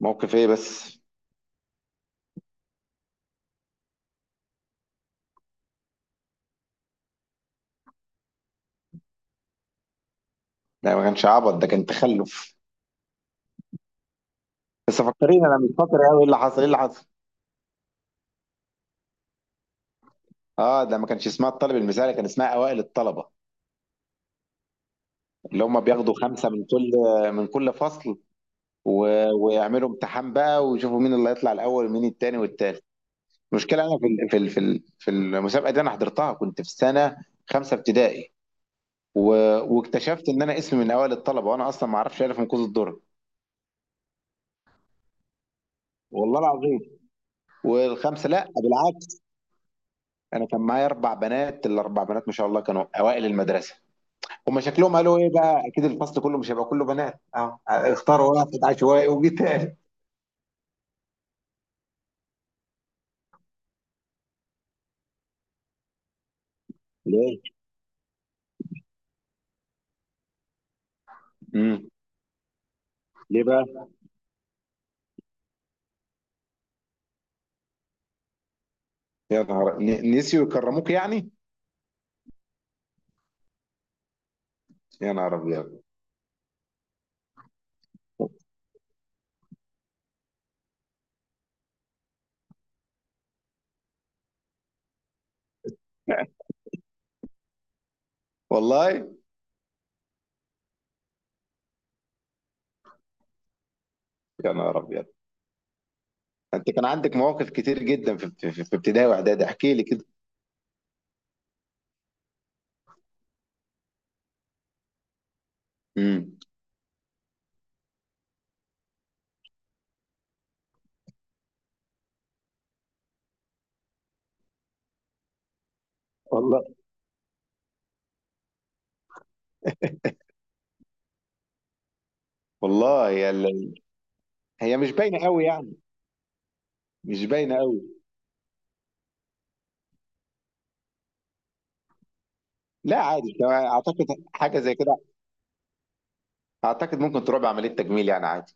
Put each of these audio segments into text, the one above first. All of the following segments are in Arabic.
موقف ايه بس؟ ده ما كانش عبط، ده كان تخلف. بس فكريني، انا مش فاكر قوي ايه اللي حصل؟ اه، ده ما كانش اسمها الطالب المثالي، كان اسمها اوائل الطلبه اللي هم بياخدوا خمسه من كل فصل. و... ويعملوا امتحان بقى، ويشوفوا مين اللي هيطلع الاول ومين التاني والتالت. المشكله انا في المسابقه دي، انا حضرتها كنت في سنه خمسه ابتدائي، و... واكتشفت ان انا اسمي من اوائل الطلبه، وانا اصلا ما اعرفش الف من كوز الدرة. والله العظيم. والخمسه، لا بالعكس، انا كان معايا اربع بنات، الاربع بنات ما شاء الله كانوا اوائل المدرسه. هما شكلهم قالوا ايه بقى، اكيد الفصل كله مش هيبقى كله بنات، اه اختاروا واحد عشوائي وجيت تاني. ليه؟ امم. ليه بقى؟ يا نهار نسيوا يكرموك يعني؟ يا نهار ابيض. والله. يا نهار ابيض. انت كان عندك مواقف كتير جدا في ابتدائي واعدادي، احكي لي كده. امم. والله والله. يا هي مش باينه قوي يعني. مش باينه قوي. لا عادي، أنا اعتقد حاجه زي كده. اعتقد ممكن تروح بعمليه تجميل يعني، عادي.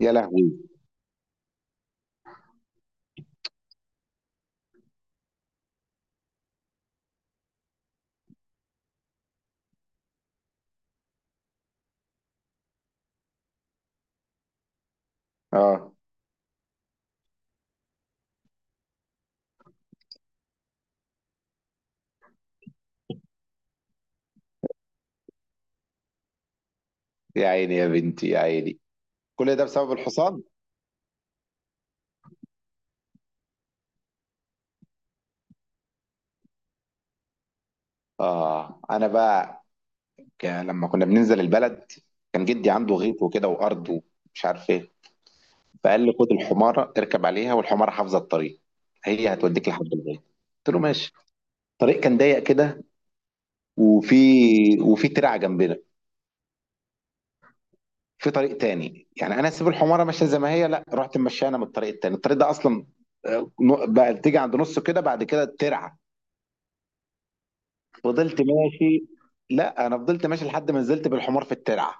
يا لهوي. اه. يا عيني يا بنتي، يا عيني. كل ده بسبب الحصان. اه انا بقى، لما كنا بننزل البلد كان جدي عنده غيط وكده وارض ومش عارف ايه، فقال لي خد الحماره اركب عليها والحماره حافظه الطريق، هي هتوديك لحد الغيط. قلت له ماشي. الطريق كان ضيق كده، وفي ترعه جنبنا، في طريق تاني. يعني انا اسيب الحماره ماشيه زي ما هي؟ لا، رحت ماشيه انا من الطريق التاني. الطريق ده اصلا بقى تيجي عند نصه كده، بعد كده الترعه. فضلت ماشي لا انا فضلت ماشي لحد ما نزلت بالحمار في الترعه.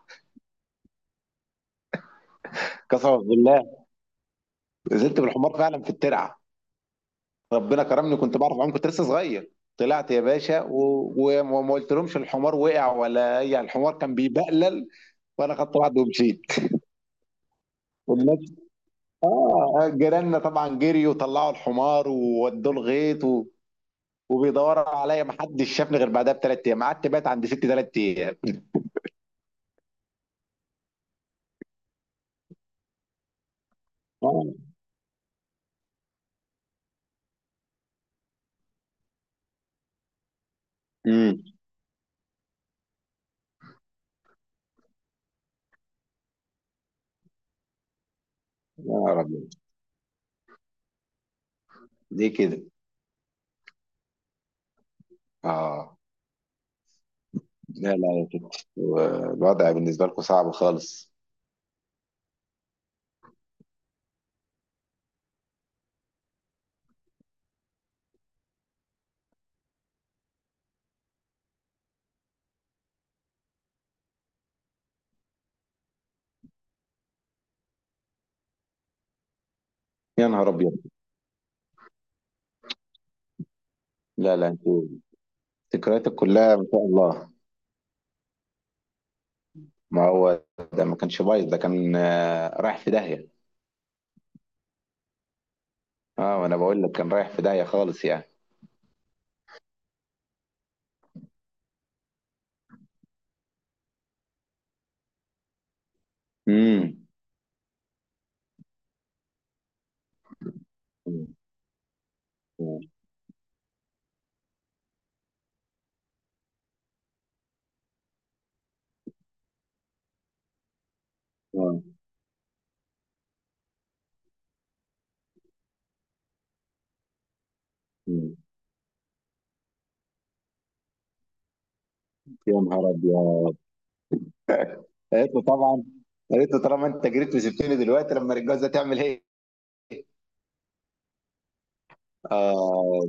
قسما بالله، نزلت بالحمار فعلا في الترعه. ربنا كرمني، كنت بعرف اعوم، كنت لسه صغير. طلعت يا باشا و- و- وما قلت لهمش الحمار وقع ولا اي، يعني الحمار كان بيبقلل. وانا خدت بعض ومشيت. والناس، اه جيراننا طبعا جريوا وطلعوا الحمار وودوه الغيط وبيدوروا عليا، ما حدش شافني غير بعدها ب3 ايام. قعدت بات عند ستي 3 ايام. آه. امم. يا رب. ليه كده؟ اه. لا لا يا كده، الوضع بالنسبة لكم صعب خالص. يا نهار أبيض. لا لا انتوا، ذكرياتك كلها ما شاء الله. ما هو ده ما كانش بايظ، ده كان رايح في داهية. اه، وأنا بقول لك كان رايح في داهية خالص يعني. امم. آه. مم. يا نهار أبيض. قالت له طبعا، قالت له طالما أنت جريت وسبتني دلوقتي، لما الجوازة تعمل إيه؟ آه.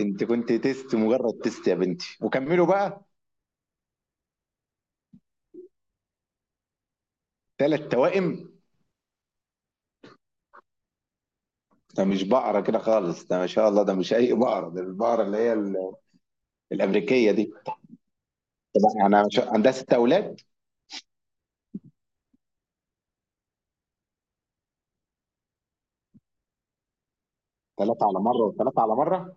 انت كنت تيست، مجرد تيست يا بنتي، وكملوا بقى. ثلاث توائم. ده مش بقرة كده خالص، ده ما شاء الله، ده مش أي بقرة، ده البقرة اللي هي الأمريكية دي. طب، أنا مش... عندها ست أولاد؟ ثلاثة على مرة وثلاثة على مرة.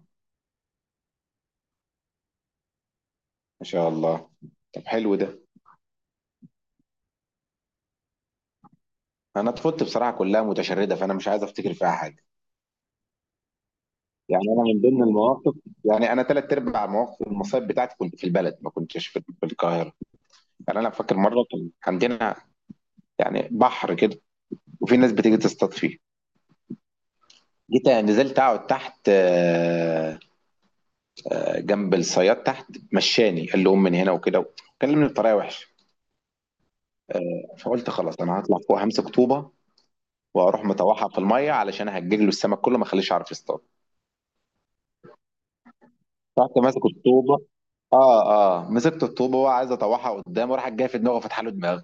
ما شاء الله. طب حلو ده. أنا طفولتي بصراحة كلها متشردة، فأنا مش عايز أفتكر فيها حاجة. يعني أنا من ضمن المواقف، يعني أنا ثلاث أرباع مواقف المصايب بتاعتي كنت في البلد، ما كنتش في القاهرة. يعني أنا فاكر مرة كان عندنا يعني بحر كده، وفي ناس بتيجي تصطاد فيه. جيت نزلت أقعد تحت، جنب الصياد تحت، مشاني، قال له قوم من هنا وكده، كلمني بطريقه وحشه. فقلت خلاص انا هطلع فوق، همسك طوبه واروح مطوحها في الميه، علشان هجيج له السمك كله، ما اخليش يعرف يصطاد. رحت ماسك الطوبه. اه. اه، مسكت الطوبه وهو عايز اطوحها قدام، وراح جاي في دماغه وفتح له دماغه.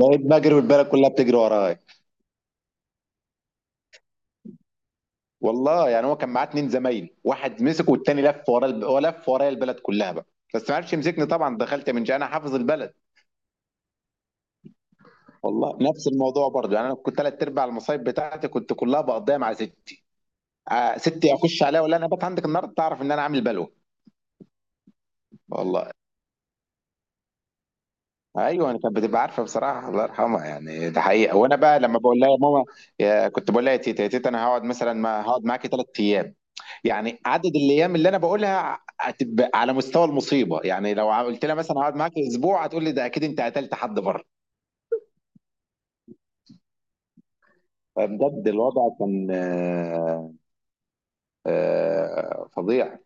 بقيت بجري والبلد كلها بتجري ورايا. والله يعني هو كان معاه اتنين زمايلي، واحد مسك والتاني لف ورا هو لف ورايا البلد كلها بقى، بس ما عرفش يمسكني طبعا، دخلت من جاي، انا حافظ البلد. والله نفس الموضوع برضه. يعني انا كنت ثلاث ارباع المصايب بتاعتي كنت كلها بقضيها مع ستي. ستي، اخش عليها ولا انا بات عندك النهارده؟ تعرف ان انا عامل بلوه. والله. ايوه، انا كانت بتبقى عارفه بصراحه، الله يرحمها، يعني ده حقيقه. وانا بقى لما بقول لها يا ماما، يا كنت بقول لها يا تيتا يا تيتا، انا هقعد مثلا، ما هقعد معاكي 3 ايام، يعني عدد الايام اللي انا بقولها هتبقى على مستوى المصيبه. يعني لو قلت لها مثلا هقعد معاكي اسبوع، هتقول لي ده اكيد انت قتلت حد بره. فبجد الوضع كان فظيع.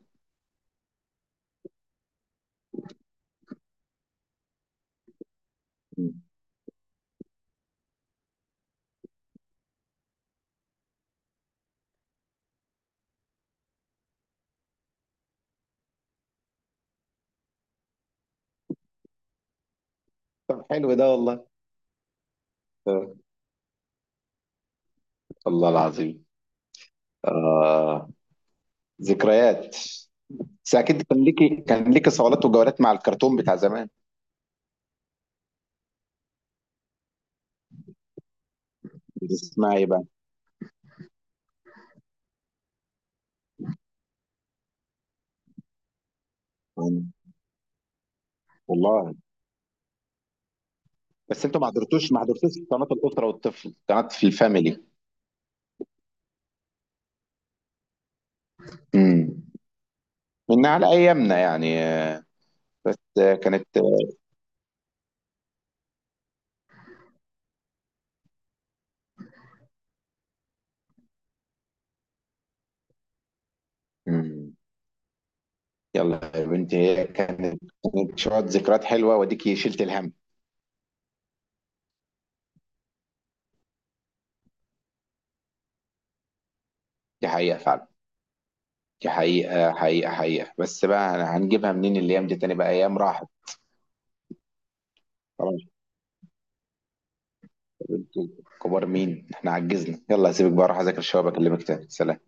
طب حلو ده والله. آه، الله العظيم. آه، ذكريات. بس اكيد كان ليكي، كان ليكي صولات وجولات مع الكرتون بتاع زمان. بتسمعي بقى؟ يعني والله. بس انتوا ما حضرتوش، ما حضرتوش قناه الاسره والطفل؟ قناه في الفاميلي. امم. من على ايامنا يعني، بس كانت. امم. يلا يا بنتي، هي كانت، كانت شويه ذكريات حلوه، واديكي شلت الهم. دي حقيقه فعلا، دي حقيقه حقيقه حقيقه. بس بقى أنا هنجيبها منين الايام دي تاني بقى؟ ايام راحت. خلاص يا بنتي، كبار مين احنا؟ عجزنا. يلا سيبك بقى، اروح اذاكر شويه، بكلمك تاني. سلام.